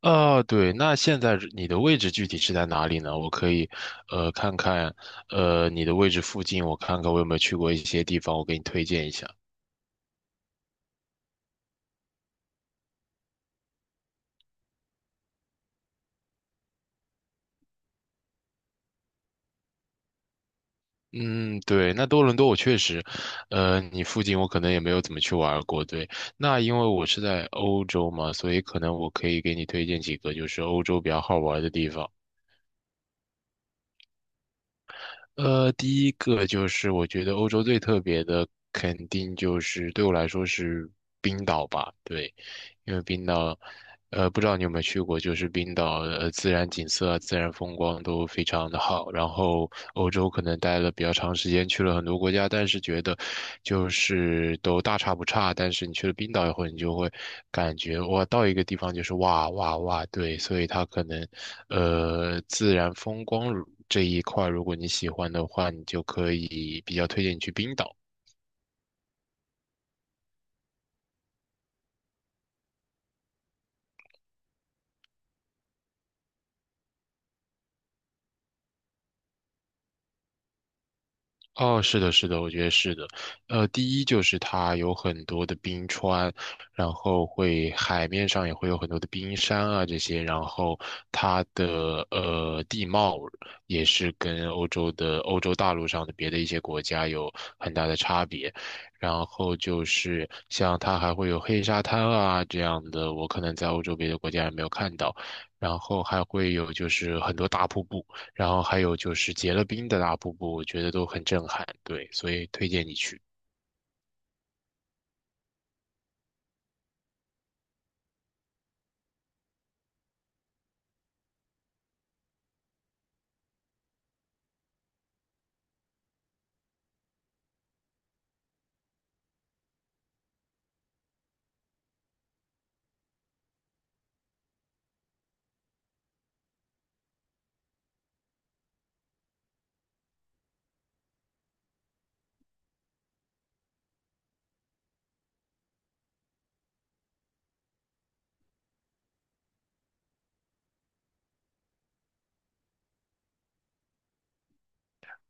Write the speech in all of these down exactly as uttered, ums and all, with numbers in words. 啊，对，那现在你的位置具体是在哪里呢？我可以，呃，看看，呃，你的位置附近，我看看我有没有去过一些地方，我给你推荐一下。嗯，对，那多伦多我确实，呃，你附近我可能也没有怎么去玩儿过。对，那因为我是在欧洲嘛，所以可能我可以给你推荐几个就是欧洲比较好玩儿的地方。呃，第一个就是我觉得欧洲最特别的，肯定就是对我来说是冰岛吧。对，因为冰岛，呃，不知道你有没有去过，就是冰岛的呃自然景色啊、自然风光都非常的好。然后欧洲可能待了比较长时间，去了很多国家，但是觉得就是都大差不差。但是你去了冰岛以后，你就会感觉哇，到一个地方就是哇哇哇，对，所以它可能，呃，自然风光这一块，如果你喜欢的话，你就可以比较推荐你去冰岛。哦，是的，是的，我觉得是的。呃，第一就是它有很多的冰川，然后会海面上也会有很多的冰山啊这些，然后它的呃地貌也是跟欧洲的欧洲大陆上的别的一些国家有很大的差别。然后就是像它还会有黑沙滩啊这样的，我可能在欧洲别的国家也没有看到。然后还会有就是很多大瀑布。然后还有就是结了冰的大瀑布，我觉得都很震撼，对，所以推荐你去。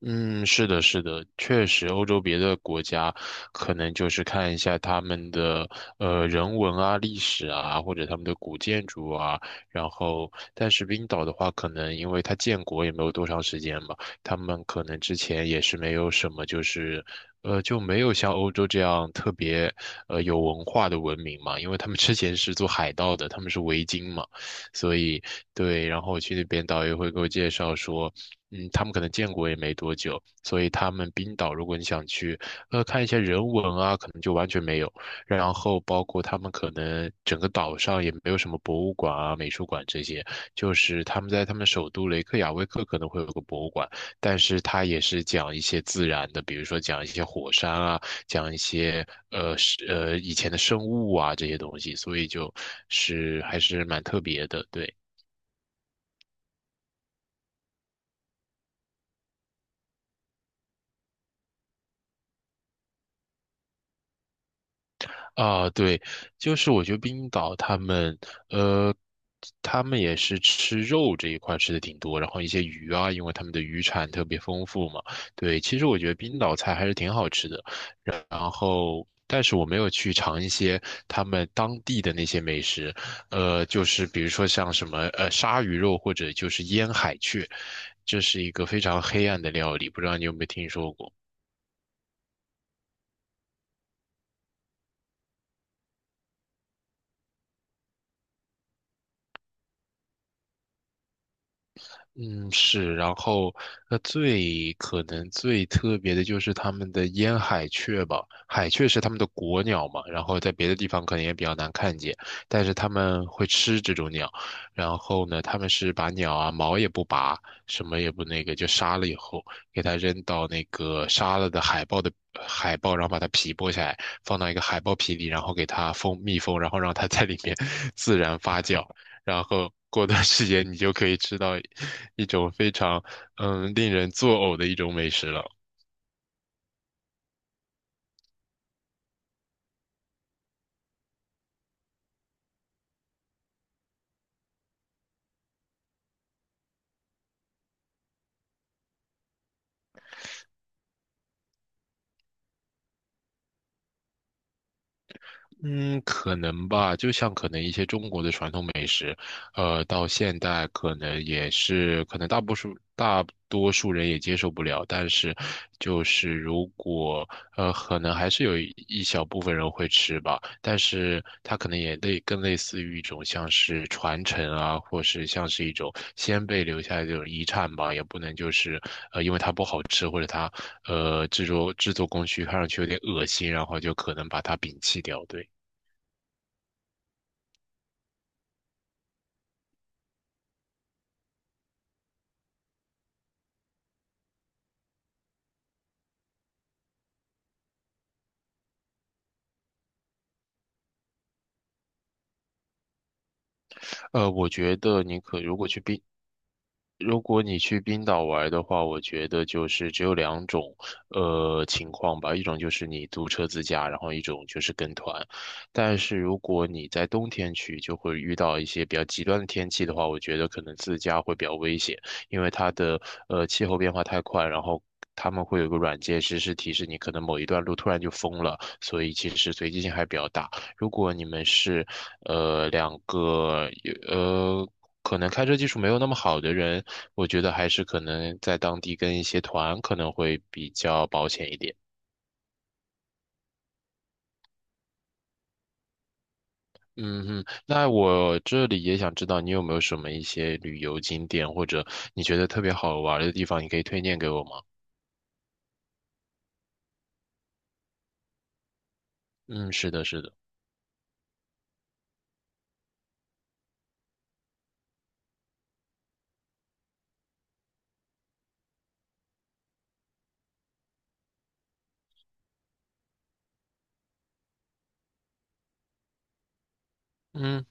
嗯，是的，是的，确实，欧洲别的国家可能就是看一下他们的呃人文啊、历史啊，或者他们的古建筑啊。然后，但是冰岛的话，可能因为它建国也没有多长时间嘛，他们可能之前也是没有什么，就是呃就没有像欧洲这样特别呃有文化的文明嘛，因为他们之前是做海盗的，他们是维京嘛，所以对。然后我去那边，导游会给我介绍说。嗯，他们可能建国也没多久，所以他们冰岛，如果你想去，呃，看一些人文啊，可能就完全没有。然后包括他们可能整个岛上也没有什么博物馆啊、美术馆这些，就是他们在他们首都雷克雅未克可能会有个博物馆，但是他也是讲一些自然的，比如说讲一些火山啊，讲一些呃是呃以前的生物啊这些东西，所以就是还是蛮特别的，对。啊，对，就是我觉得冰岛他们，呃，他们也是吃肉这一块吃的挺多，然后一些鱼啊，因为他们的渔产特别丰富嘛。对，其实我觉得冰岛菜还是挺好吃的，然后，但是我没有去尝一些他们当地的那些美食，呃，就是比如说像什么呃鲨鱼肉或者就是腌海雀，这是一个非常黑暗的料理，不知道你有没有听说过？嗯，是，然后那最可能最特别的就是他们的烟海雀吧，海雀是他们的国鸟嘛，然后在别的地方可能也比较难看见，但是他们会吃这种鸟，然后呢，他们是把鸟啊毛也不拔，什么也不那个，就杀了以后给它扔到那个杀了的海豹的呃海豹，然后把它皮剥下来，放到一个海豹皮里，然后给它封密封，然后让它在里面 自然发酵。然后过段时间你就可以吃到一种非常嗯令人作呕的一种美食了。嗯，可能吧，就像可能一些中国的传统美食，呃，到现代可能也是，可能大多数大多数人也接受不了，但是就是如果呃，可能还是有一一小部分人会吃吧，但是它可能也类更类似于一种像是传承啊，或是像是一种先辈留下来的这种遗产吧，也不能就是呃，因为它不好吃或者它呃制作制作工序看上去有点恶心，然后就可能把它摒弃掉，对。呃，我觉得你可如果去冰，如果你去冰岛玩的话，我觉得就是只有两种呃情况吧，一种就是你租车自驾，然后一种就是跟团。但是如果你在冬天去，就会遇到一些比较极端的天气的话，我觉得可能自驾会比较危险，因为它的呃气候变化太快，然后。他们会有个软件实时提示你，可能某一段路突然就封了，所以其实随机性还比较大。如果你们是呃两个有呃可能开车技术没有那么好的人，我觉得还是可能在当地跟一些团可能会比较保险一点。嗯哼，那我这里也想知道你有没有什么一些旅游景点或者你觉得特别好玩儿的地方，你可以推荐给我吗？嗯，是的，是的，嗯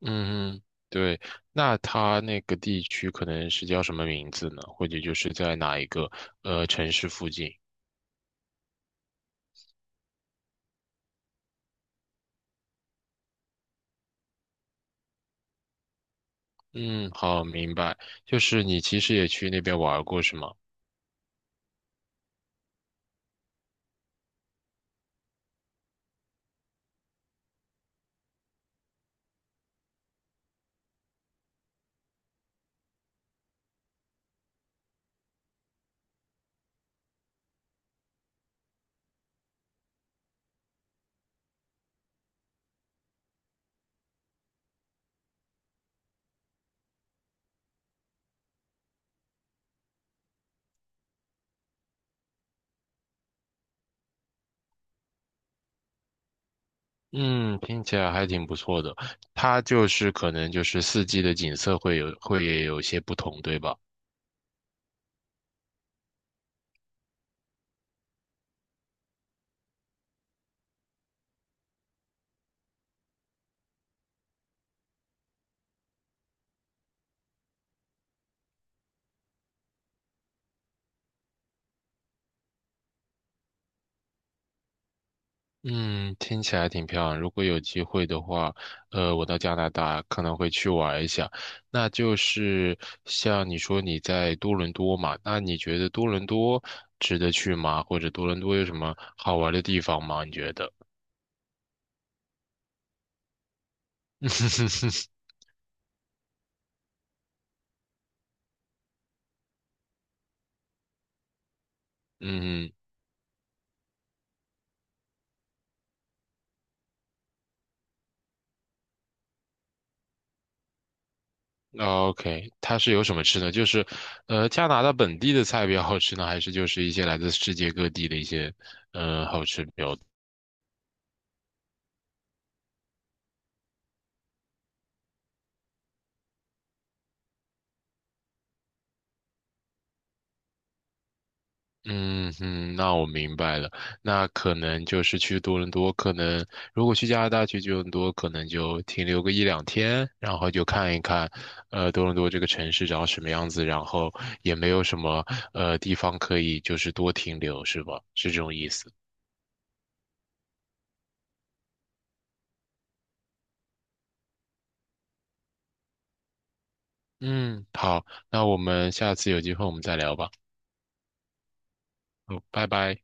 嗯嗯，对，那它那个地区可能是叫什么名字呢？或者就是在哪一个呃城市附近？嗯，好，明白。就是你其实也去那边玩儿过是吗？嗯，听起来还挺不错的。它就是可能就是四季的景色会有会也有些不同，对吧？嗯，听起来挺漂亮。如果有机会的话，呃，我到加拿大可能会去玩一下。那就是像你说你在多伦多嘛，那你觉得多伦多值得去吗？或者多伦多有什么好玩的地方吗？你觉得？嗯 OK,它是有什么吃的？就是，呃，加拿大本地的菜比较好吃呢，还是就是一些来自世界各地的一些，嗯，好吃比较？嗯嗯，那我明白了。那可能就是去多伦多，可能如果去加拿大去多伦多，可能就停留个一两天，然后就看一看，呃，多伦多这个城市长什么样子，然后也没有什么呃地方可以就是多停留，是吧？是这种意思。嗯，好，那我们下次有机会我们再聊吧。好，拜拜。